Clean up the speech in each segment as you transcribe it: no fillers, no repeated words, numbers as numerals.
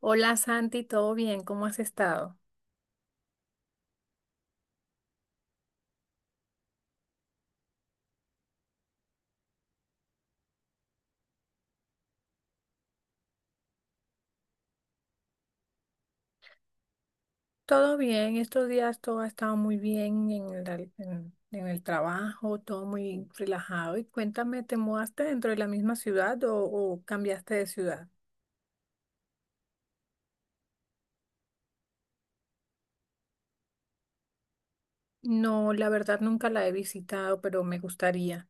Hola Santi, ¿todo bien? ¿Cómo has estado? Todo bien, estos días todo ha estado muy bien en el trabajo, todo muy relajado. Y cuéntame, ¿te mudaste dentro de la misma ciudad o cambiaste de ciudad? No, la verdad nunca la he visitado, pero me gustaría.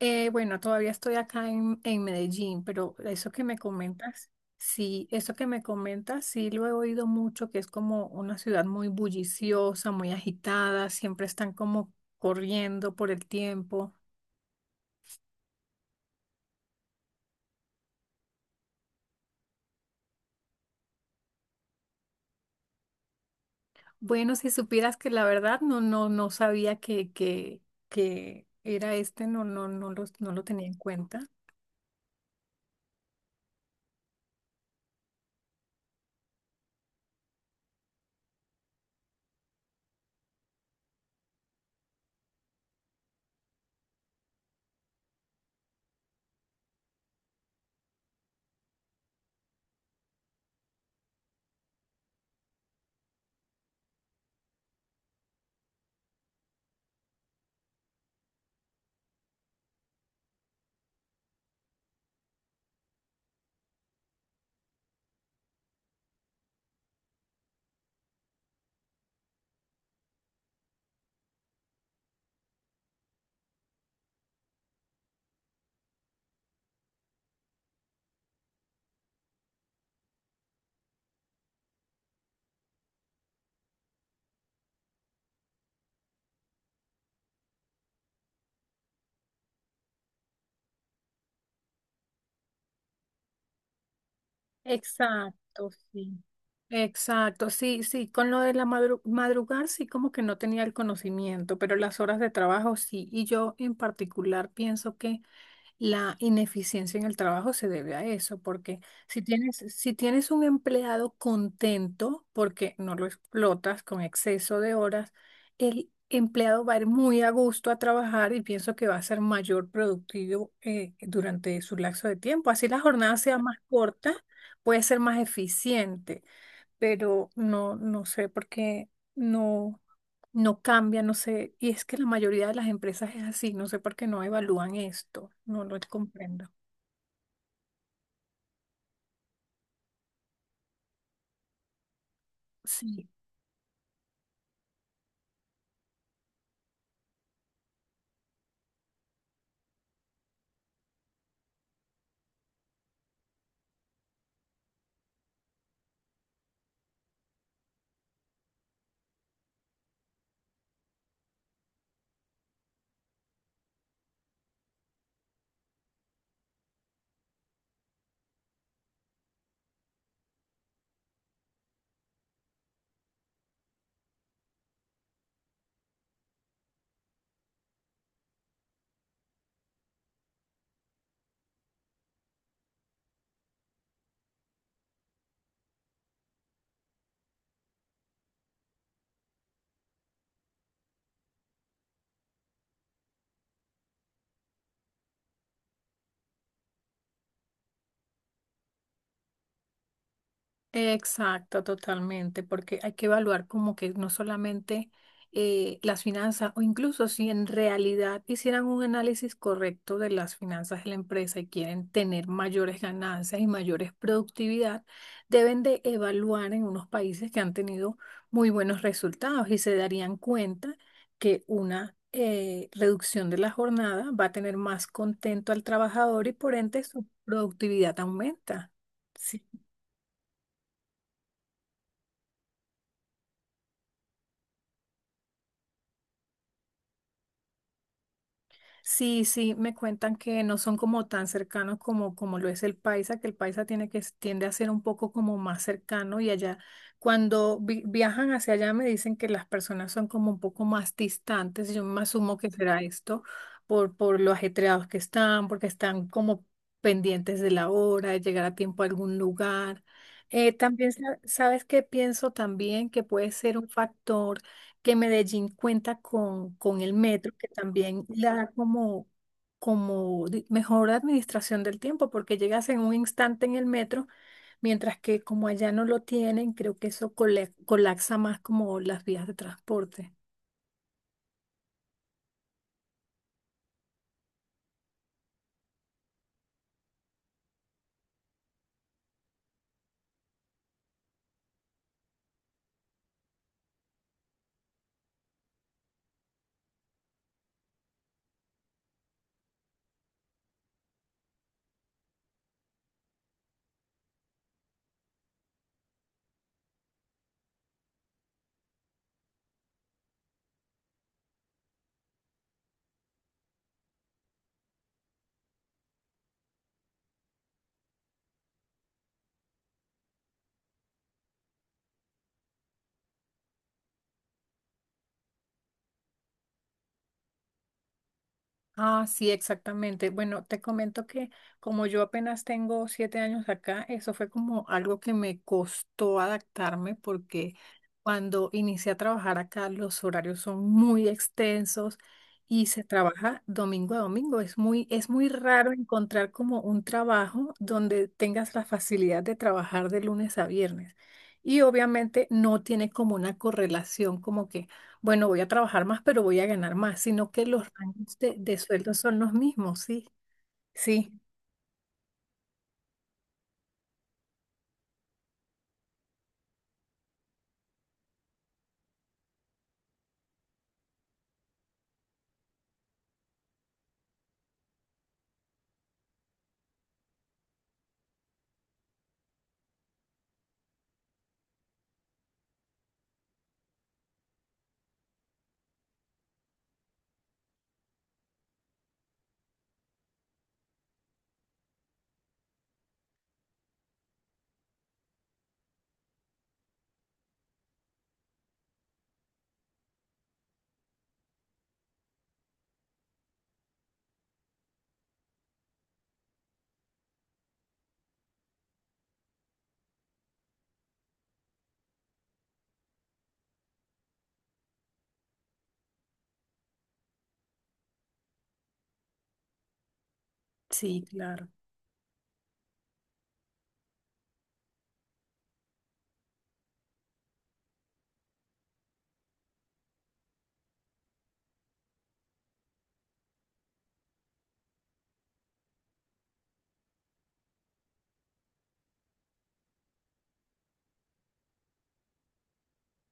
Bueno, todavía estoy acá en Medellín, pero eso que me comentas, sí, eso que me comentas, sí lo he oído mucho, que es como una ciudad muy bulliciosa, muy agitada, siempre están como corriendo por el tiempo. Bueno, si supieras que la verdad no, no, no sabía que era este, no, no, no lo tenía en cuenta. Exacto, sí. Exacto, sí, sí, con lo de la madrugar sí como que no tenía el conocimiento, pero las horas de trabajo sí, y yo en particular pienso que la ineficiencia en el trabajo se debe a eso, porque si tienes un empleado contento porque no lo explotas con exceso de horas, el empleado va a ir muy a gusto a trabajar y pienso que va a ser mayor productivo durante su lapso de tiempo. Así la jornada sea más corta, puede ser más eficiente, pero no, no sé por qué no, no cambia, no sé. Y es que la mayoría de las empresas es así, no sé por qué no evalúan esto, no lo comprendo. Sí. Exacto, totalmente, porque hay que evaluar como que no solamente las finanzas, o incluso si en realidad hicieran un análisis correcto de las finanzas de la empresa y quieren tener mayores ganancias y mayores productividad, deben de evaluar en unos países que han tenido muy buenos resultados y se darían cuenta que una reducción de la jornada va a tener más contento al trabajador y por ende su productividad aumenta. Sí. Sí, sí, me cuentan que no son como tan cercanos como, como lo es el paisa, que el paisa tiende a ser un poco como más cercano y allá, cuando viajan hacia allá me dicen que las personas son como un poco más distantes, yo me asumo que será esto por lo ajetreados que están, porque están como pendientes de la hora, de llegar a tiempo a algún lugar. También sabes que pienso también que puede ser un factor que Medellín cuenta con el metro, que también le da como, como mejor administración del tiempo, porque llegas en un instante en el metro, mientras que como allá no lo tienen, creo que eso colapsa más como las vías de transporte. Ah, sí, exactamente. Bueno, te comento que como yo apenas tengo 7 años acá, eso fue como algo que me costó adaptarme porque cuando inicié a trabajar acá los horarios son muy extensos y se trabaja domingo a domingo. Es muy raro encontrar como un trabajo donde tengas la facilidad de trabajar de lunes a viernes. Y obviamente no tiene como una correlación como que bueno, voy a trabajar más, pero voy a ganar más, sino que los rangos de sueldo son los mismos, sí. Sí, sí, claro,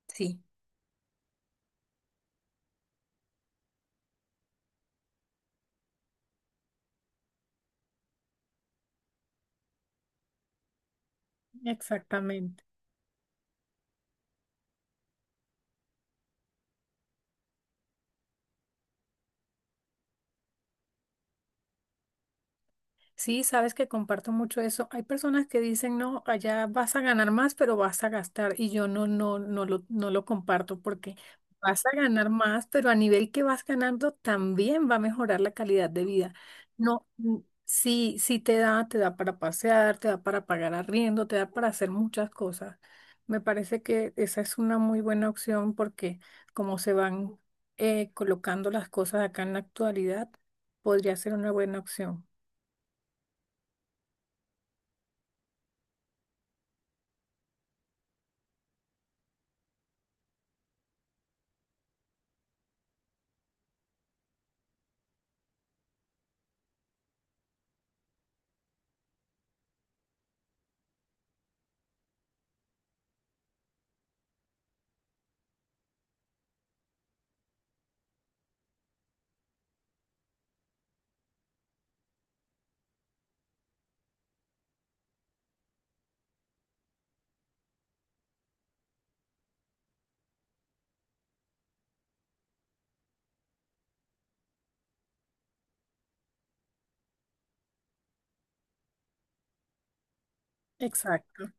sí. Exactamente. Sí, sabes que comparto mucho eso. Hay personas que dicen, no, allá vas a ganar más, pero vas a gastar. Y yo no, no, no lo comparto porque vas a ganar más, pero a nivel que vas ganando también va a mejorar la calidad de vida. No, mm, sí, sí te da para pasear, te da para pagar arriendo, te da para hacer muchas cosas. Me parece que esa es una muy buena opción porque como se van colocando las cosas acá en la actualidad, podría ser una buena opción. Exacto,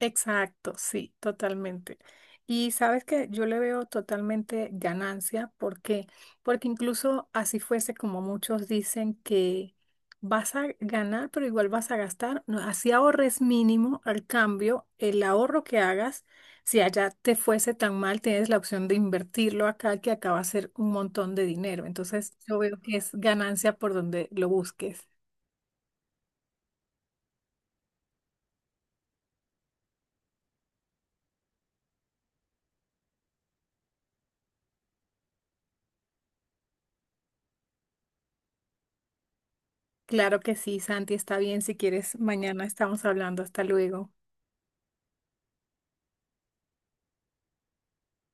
exacto, sí, totalmente. Y sabes que yo le veo totalmente ganancia, ¿por qué? Porque incluso así fuese como muchos dicen que vas a ganar, pero igual vas a gastar, no, así ahorres mínimo, al cambio, el ahorro que hagas, si allá te fuese tan mal, tienes la opción de invertirlo acá, que acá va a ser un montón de dinero. Entonces, yo veo que es ganancia por donde lo busques. Claro que sí, Santi, está bien. Si quieres, mañana estamos hablando. Hasta luego.